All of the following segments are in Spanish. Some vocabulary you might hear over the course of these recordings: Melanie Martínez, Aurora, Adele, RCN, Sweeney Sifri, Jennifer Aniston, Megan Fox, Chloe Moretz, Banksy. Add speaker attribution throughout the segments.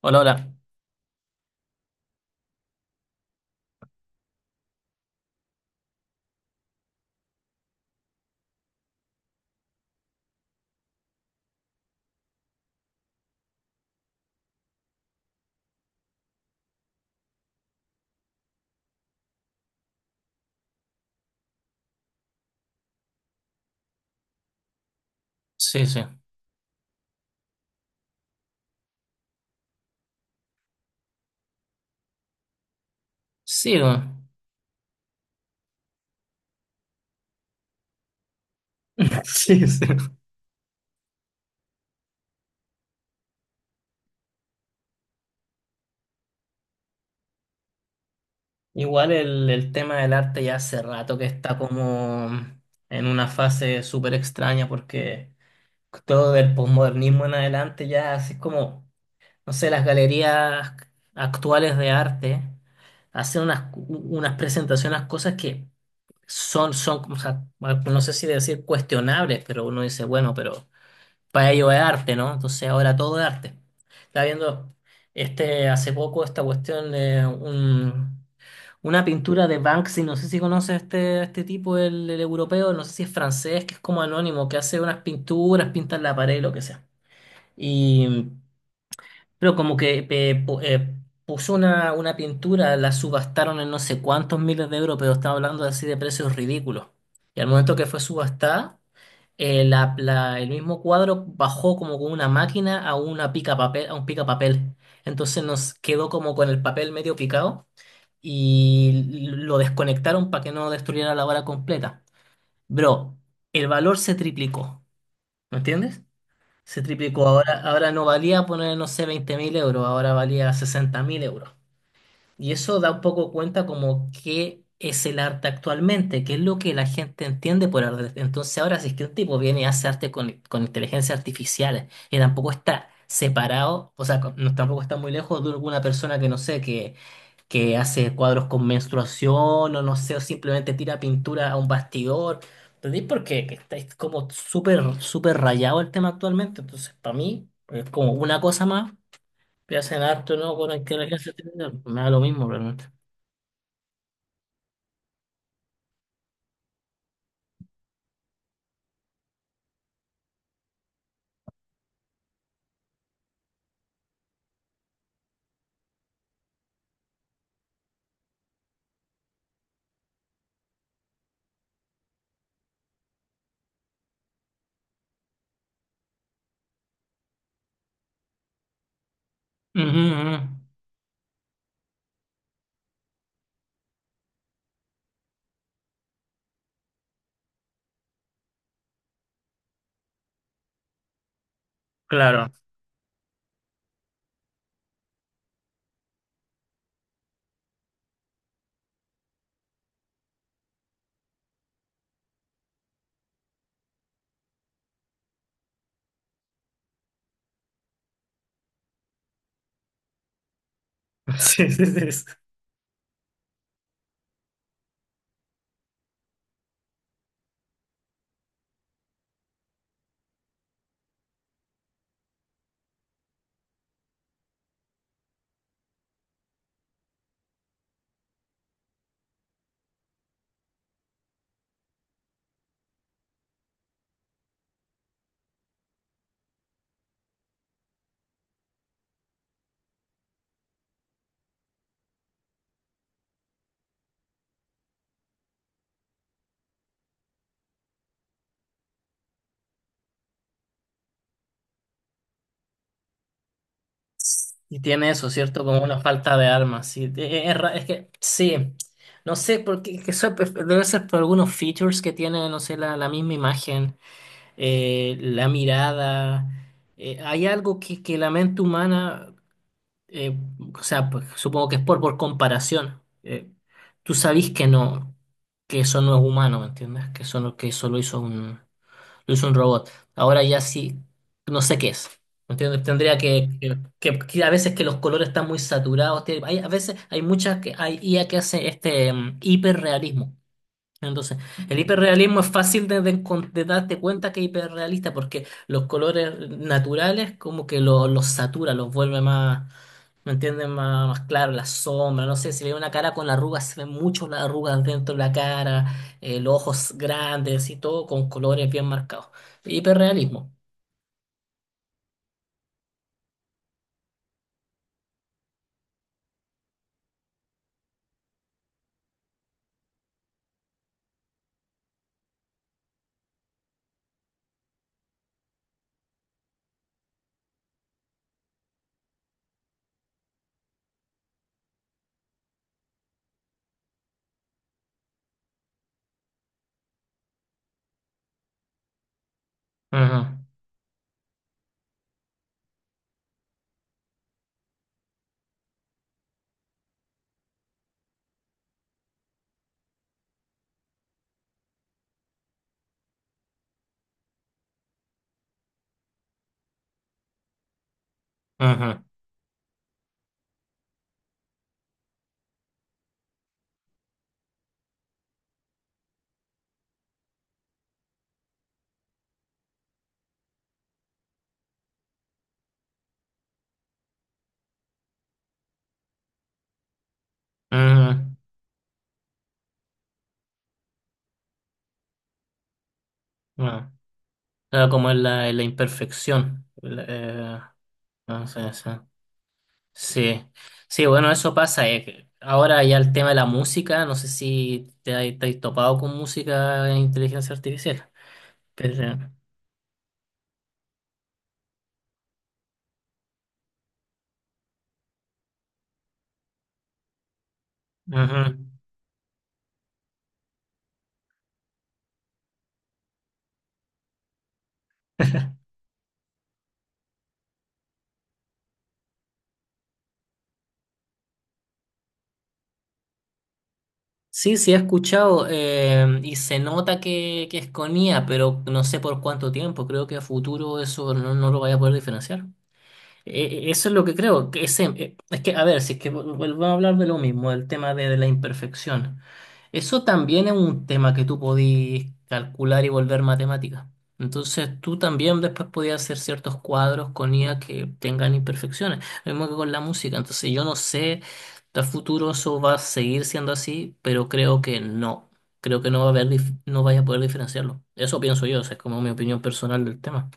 Speaker 1: Hola, hola. Sí, sí. Sí, bueno. Sí, sí. Igual el tema del arte ya hace rato que está como en una fase súper extraña porque todo del posmodernismo en adelante ya así es como, no sé, las galerías actuales de arte hacen unas presentaciones, cosas que son, o sea, no sé si decir cuestionables, pero uno dice, bueno, pero para ello es arte, ¿no? Entonces ahora todo es arte. Estaba viendo hace poco esta cuestión de una pintura de Banksy, no sé si conoces este tipo, el europeo, no sé si es francés, que es como anónimo, que hace unas pinturas, pinta en la pared, lo que sea. Y, pero como que puso una pintura, la subastaron en no sé cuántos miles de euros, pero estaba hablando así de precios ridículos. Y al momento que fue subastada, el mismo cuadro bajó como con una máquina a una pica papel, a un pica papel. Entonces nos quedó como con el papel medio picado y lo desconectaron para que no destruyera la obra completa. Bro, el valor se triplicó, ¿me entiendes? Se triplicó. Ahora, ahora no valía poner, no sé, 20 mil euros, ahora valía 60 mil euros. Y eso da un poco cuenta como qué es el arte actualmente, qué es lo que la gente entiende por arte. Entonces ahora si es que un tipo viene y hace arte con inteligencia artificial y tampoco está separado, o sea, tampoco está muy lejos de alguna persona que no sé, que hace cuadros con menstruación o no sé, o simplemente tira pintura a un bastidor. ¿Entendéis por qué? Que está es como súper, súper rayado el tema actualmente. Entonces para mí es como una cosa más. Que hacen arte o no con inteligencia artificial, me da lo mismo realmente. Ujú, ujú. Claro. Sí, sí, sí, sí. Y tiene eso, ¿cierto? Como una falta de armas. Sí. Es que, sí. No sé, porque que eso pues, debe ser por algunos features que tiene, no sé, la misma imagen, la mirada. Hay algo que la mente humana, eh, o sea, pues, supongo que es por comparación. Tú sabís que no, que eso no es humano, ¿me entiendes? Que eso, que eso lo hizo un robot. Ahora ya sí, no sé qué es. ¿Me ¿Entiendes? Tendría que, que a veces que los colores están muy saturados. Hay, a veces hay muchas que hay IA que hace hiperrealismo. Entonces, el hiperrealismo es fácil de de darte cuenta que es hiperrealista porque los colores naturales como que los satura, los vuelve más, ¿me entiendes? Más claro, la sombra, no sé, si ve una cara con arrugas, se ven mucho las arrugas dentro de la cara, los ojos grandes y todo con colores bien marcados. Hiperrealismo. Ajá, ajá, ajá, ajá. Claro, como en la imperfección. No sé, sí. Sí, sí, bueno, eso pasa. Que Ahora ya el tema de la música, no sé si te has topado con música en inteligencia artificial, pero ujú. Sí, sí, he escuchado y se nota que es con IA, pero no sé por cuánto tiempo, creo que a futuro eso no lo vaya a poder diferenciar. Eso es lo que creo, que es que, a ver, si es que vuelvo a hablar de lo mismo, el tema de la imperfección. Eso también es un tema que tú podías calcular y volver matemática. Entonces tú también después podías hacer ciertos cuadros con IA que tengan imperfecciones. Lo mismo que con la música. Entonces yo no sé, a futuro eso va a seguir siendo así, pero creo que no. Creo que no va a haber, no vaya a poder diferenciarlo. Eso pienso yo, o sea, es como mi opinión personal del tema.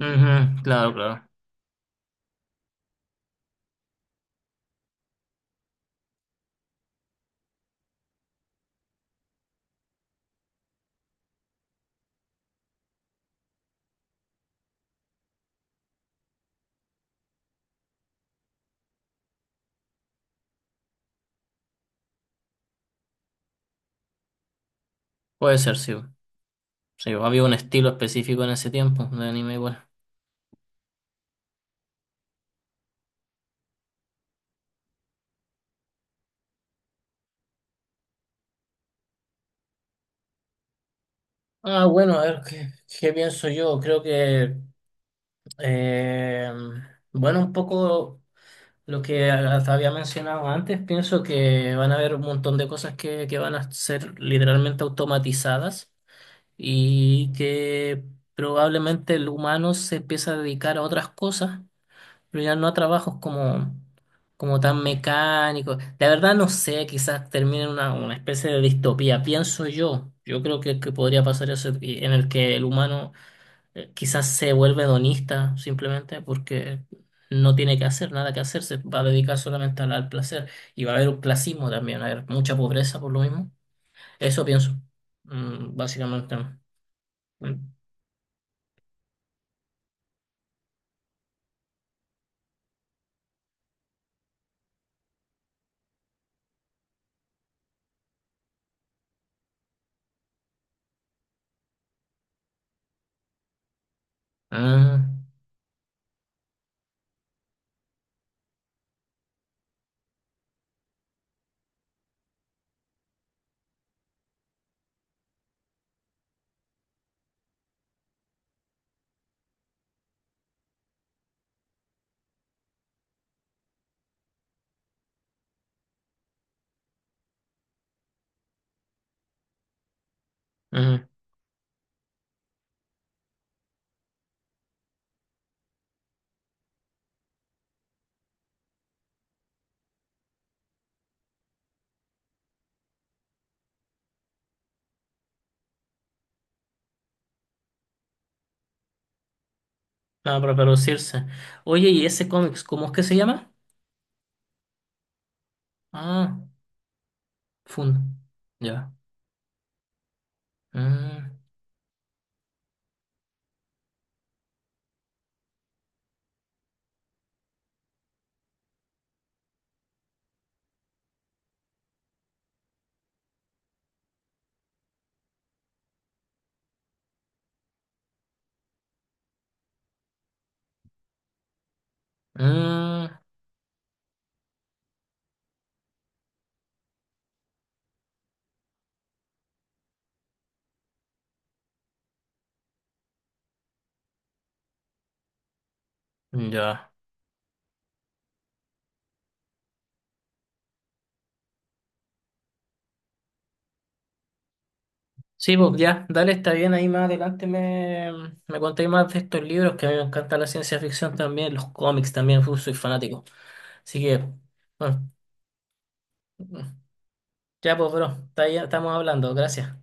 Speaker 1: Ujú, claro, claro. Puede ser, sí. Sí, había un estilo específico en ese tiempo de anime igual. Ah, bueno, a ver, ¿qué, pienso yo? Creo que, eh, bueno, un poco lo que hasta había mencionado antes, pienso que van a haber un montón de cosas que van a ser literalmente automatizadas y que probablemente el humano se empieza a dedicar a otras cosas pero ya no a trabajos como tan mecánicos. La verdad no sé, quizás termine en una especie de distopía, pienso yo. Yo creo que podría pasar eso en el que el humano quizás se vuelve hedonista simplemente porque no tiene que hacer nada que hacer, se va a dedicar solamente al placer y va a haber un clasismo también, va a haber mucha pobreza por lo mismo. Eso pienso, básicamente. Mm. Ah, ujú. Ah, para producirse. Oye, ¿y ese cómics, cómo es que se llama? Ah, fun. Ya. Mm, mm, ya. Sí, pues ya, dale, está bien. Ahí más adelante me contéis más de estos libros que a mí me encanta la ciencia ficción también, los cómics también, uf, soy fanático. Así que, bueno, ya pues, bro, estamos hablando. Gracias.